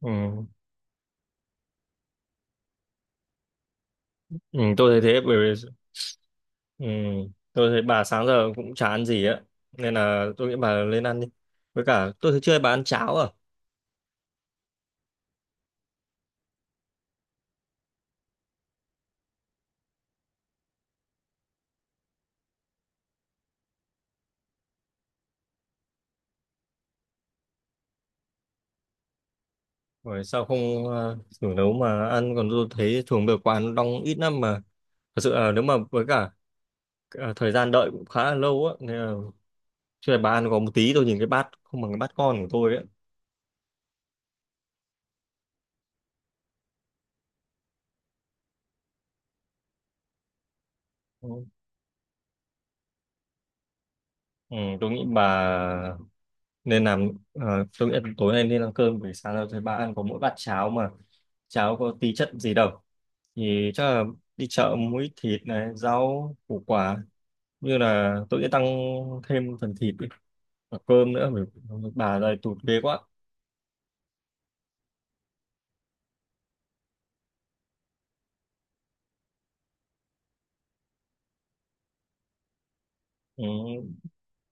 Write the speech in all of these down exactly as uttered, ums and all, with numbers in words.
Ừ. Ừ, tôi thấy thế. Bởi vì ừ, tôi thấy bà sáng giờ cũng chả ăn gì á, nên là tôi nghĩ bà lên ăn đi. Với cả tôi thấy chưa, bà ăn cháo à? Rồi sao không ờ, thử nấu mà ăn? Còn tôi thấy thường được quán đông ít lắm mà, thật sự là. Nếu mà với cả ờ, thời gian đợi cũng khá là lâu á, nên là chưa, bà ăn có một tí, tôi nhìn cái bát không bằng cái bát con của tôi ấy. Ừ, tôi nghĩ bà nên làm ờ, tôi nghĩ là tối nay nên ăn cơm. Buổi sáng rồi thấy bà ăn có mỗi bát cháo mà cháo có tí chất gì đâu, thì chắc là đi chợ mua ít thịt này, rau củ quả, như là tôi sẽ tăng thêm phần thịt đi và cơm nữa, bởi bà đây tụt ghê quá. Ừ,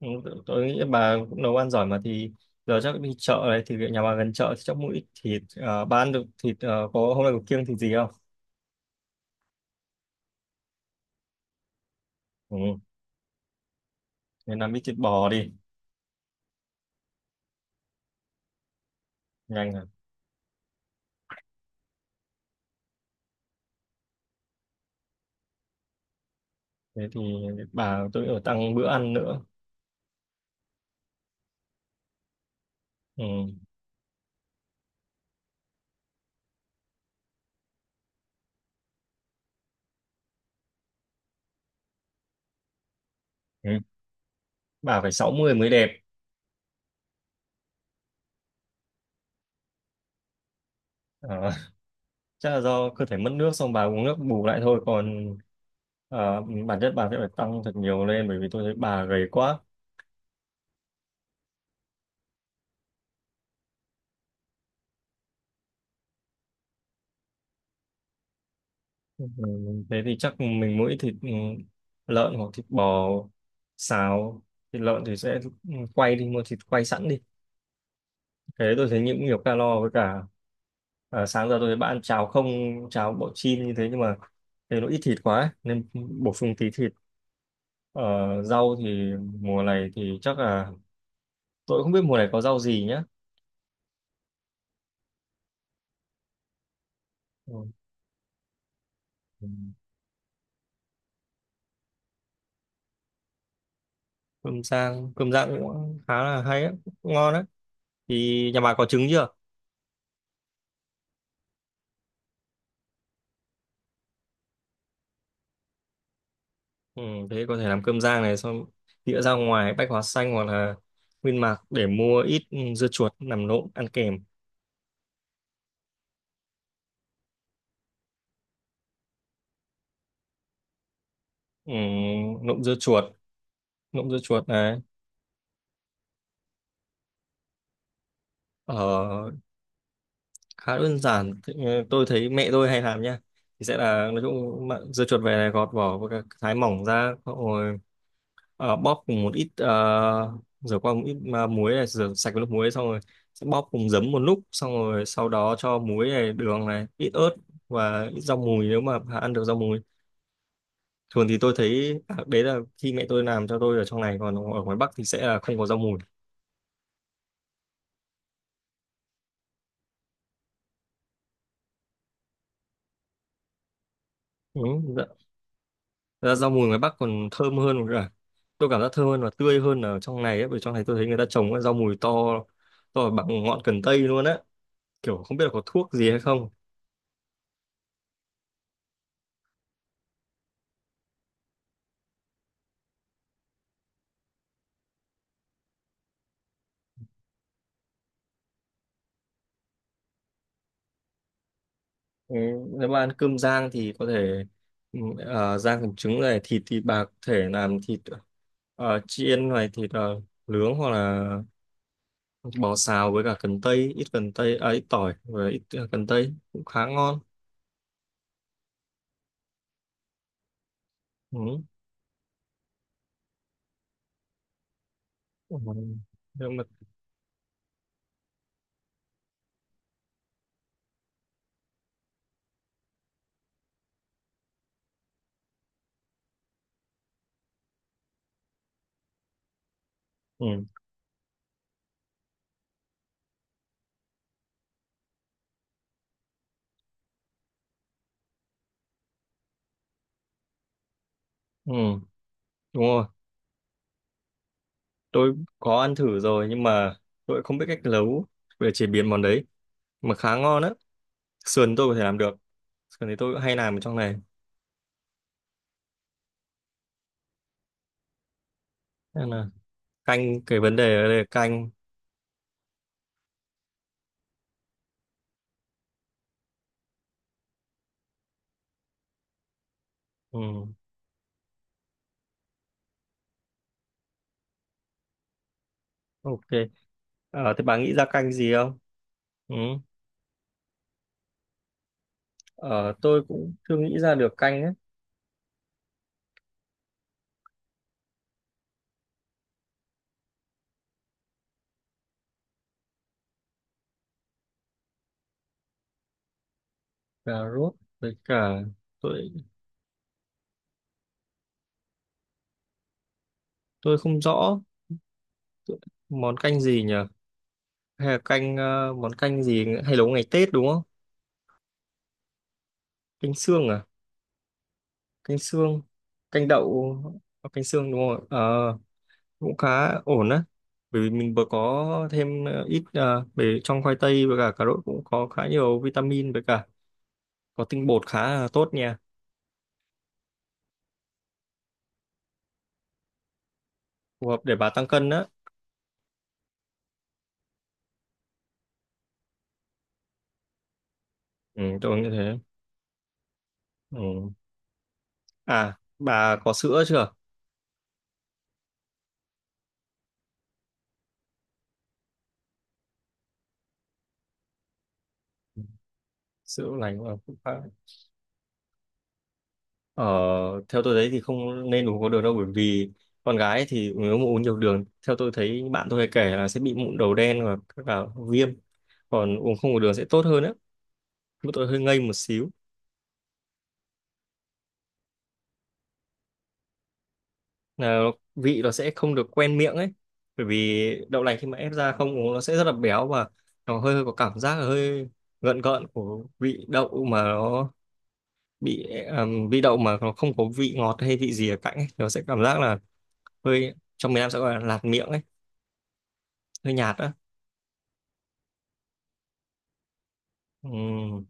ừ, tôi nghĩ bà cũng nấu ăn giỏi mà, thì giờ chắc đi chợ đấy, thì nhà bà gần chợ thì chắc mua ít thịt. Uh, bà ăn được thịt, ờ, có hôm nay có kiêng thịt gì không? Ừ, nên làm ít thịt bò đi. Nhanh à? Thế thì bà, tôi ở, tăng bữa ăn nữa. Ừ. Ừ. Bà phải sáu mươi mới đẹp. Ờ, chắc là do cơ thể mất nước xong bà uống nước bù lại thôi. Còn ờ, bản chất bà sẽ phải tăng thật nhiều lên, bởi vì tôi thấy bà gầy quá. Ừ. Thế thì chắc mình mỗi thịt, ừ, lợn hoặc thịt bò xào. Thịt lợn thì sẽ ừ, quay, đi mua thịt quay sẵn đi, thế tôi thấy những nhiều calo. Với cả à, sáng giờ tôi thấy bạn ăn cháo không, cháo bọ chin như thế nhưng mà thấy nó ít thịt quá ấy, nên bổ sung tí thịt. Ờ, Rau thì mùa này thì chắc là tôi không biết mùa này có rau gì nhá. Ừ. Cơm rang, cơm rang cũng khá là hay ấy, cũng ngon đấy. Thì nhà bà có trứng chưa? Ừ, thế có thể làm cơm rang này, xong đĩa ra ngoài Bách Hóa Xanh hoặc là Nguyên Mạc để mua ít ừ, dưa chuột làm nộm ăn kèm. Ừ, nộm dưa chuột, nộm dưa chuột này. Ờ, khá đơn giản. Thế, ờ, tôi thấy mẹ tôi hay làm nha, thì sẽ là nói chung mà dưa chuột về này gọt vỏ với cả thái mỏng ra, xong rồi ờ, bóp cùng một ít, ờ, rửa qua một ít à, muối này, rửa sạch với nước muối xong rồi sẽ bóp cùng giấm một lúc, xong rồi sau đó cho muối này, đường này, ít ớt và ít rau mùi nếu mà ăn được rau mùi. Thường thì tôi thấy à, đấy là khi mẹ tôi làm cho tôi ở trong này, còn ở ngoài Bắc thì sẽ là không có rau mùi. Ừ, thật ra rau mùi ngoài Bắc còn thơm hơn cả, tôi cảm giác thơm hơn và tươi hơn ở trong này ấy, bởi trong này tôi thấy người ta trồng cái rau mùi to, to bằng ngọn cần tây luôn á, kiểu không biết là có thuốc gì hay không. Ừ, nếu mà ăn cơm rang thì có thể ừ, ờ, rang cùng trứng này, thịt thì bà có thể làm thịt ờ, chiên này, thịt ờ, nướng hoặc là bò xào với cả cần tây, ít cần tây, à, ít tỏi và ít ờ, cần tây cũng khá ngon. Ừ. Ừ. Nhưng mà, ừ. Ừ. Đúng rồi. Tôi có ăn thử rồi nhưng mà tôi không biết cách nấu, về chế biến món đấy, mà khá ngon á. Sườn tôi có thể làm được, sườn thì tôi cũng hay làm ở trong này, nên là canh, cái vấn đề ở đây là canh. Ừ, ok. Ờ, thế bà nghĩ ra canh gì không? Ừ. Ờ, tôi cũng chưa nghĩ ra được canh ấy. Cà rốt với cả tôi tôi không rõ món canh gì nhỉ. Hay là canh ờ, món canh gì hay nấu ngày Tết đúng không? Canh xương à? Canh xương, canh đậu, canh xương đúng không ạ? Ờ, cũng khá ổn á, bởi vì mình vừa có thêm ờ, ít, ờ, về trong khoai tây với cả cà rốt cũng có khá nhiều vitamin, với cả có tinh bột khá là tốt nha, phù hợp để bà tăng cân á. Ừ, tôi nghĩ thế. Ừ. À, bà có sữa chưa? Sữa lành cũng là cũng khá. ờ, Theo tôi thấy thì không nên uống có đường đâu, bởi vì con gái thì nếu mà uống nhiều đường, theo tôi thấy bạn tôi hay kể là sẽ bị mụn đầu đen và các cả viêm. Còn uống không có đường sẽ tốt hơn á. Bữa tôi hơi ngây một xíu. Là vị nó sẽ không được quen miệng ấy, bởi vì đậu lành khi mà ép ra không uống nó sẽ rất là béo, và nó hơi, hơi có cảm giác là hơi gợn gợn của vị đậu mà nó bị ừm, vị đậu mà nó không có vị ngọt hay vị gì ở cạnh ấy, nó sẽ cảm giác là hơi, trong miền Nam sẽ gọi là lạt miệng ấy, hơi nhạt á. Ừm,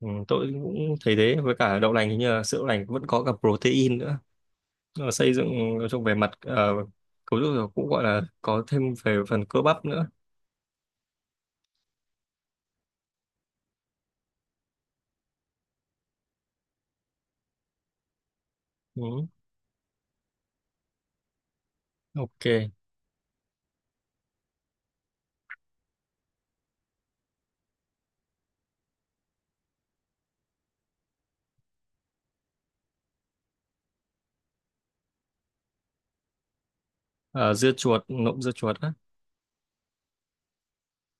ừm, tôi cũng thấy thế. Với cả đậu lành hình như là sữa đậu lành vẫn có cả protein nữa, nó xây dựng trong về mặt ờ, cấu trúc cũng gọi là có thêm về phần cơ bắp nữa. Ừm, ok. Ờ, dưa chuột, nộm dưa chuột á.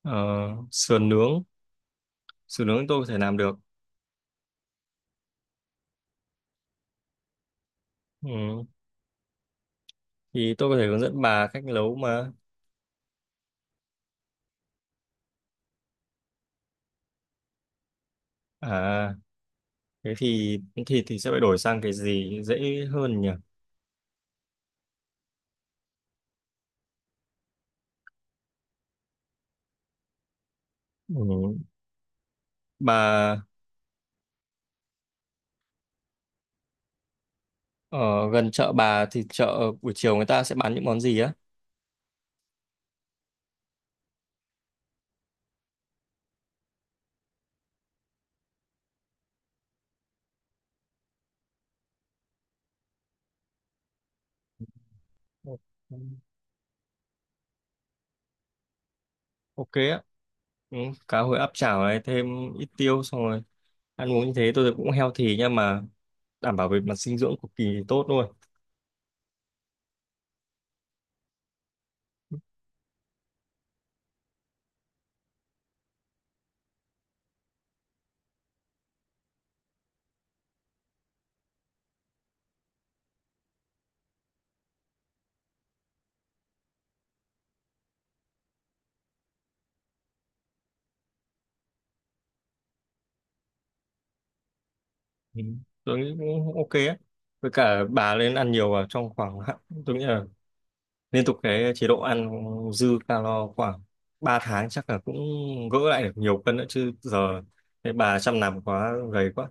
Ờ, sườn nướng, sườn nướng tôi có thể làm được. Ừ. Thì tôi có thể hướng dẫn bà cách nấu mà. À, thế thì thì thì sẽ phải đổi sang cái gì dễ hơn nhỉ? Ừ. Bà ở gần chợ, bà thì chợ buổi chiều người ta sẽ bán những món gì á? Ok. Ok á. Ừ. Cá hồi áp chảo này, thêm ít tiêu xong rồi ăn uống như thế, tôi cũng healthy, nhưng mà đảm bảo về mặt dinh dưỡng cực kỳ tốt luôn. Ừ, tôi nghĩ cũng ok á. Với cả bà lên ăn nhiều vào trong khoảng hạn-, tôi nghĩ là liên tục cái chế độ ăn dư calo khoảng ba tháng chắc là cũng gỡ lại được nhiều cân nữa, chứ giờ cái bà chăm nằm quá, gầy quá.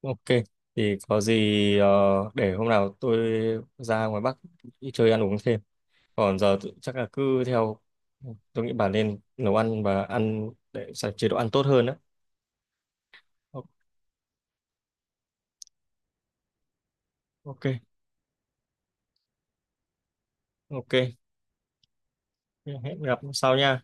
Ok. Thì có gì ờ, để hôm nào tôi ra ngoài Bắc đi chơi ăn uống thêm. Còn giờ tự-, chắc là cứ theo, tôi nghĩ bà nên nấu ăn và ăn để sạch chế độ ăn tốt hơn đó. Ok. Ok. Hẹn gặp sau nha.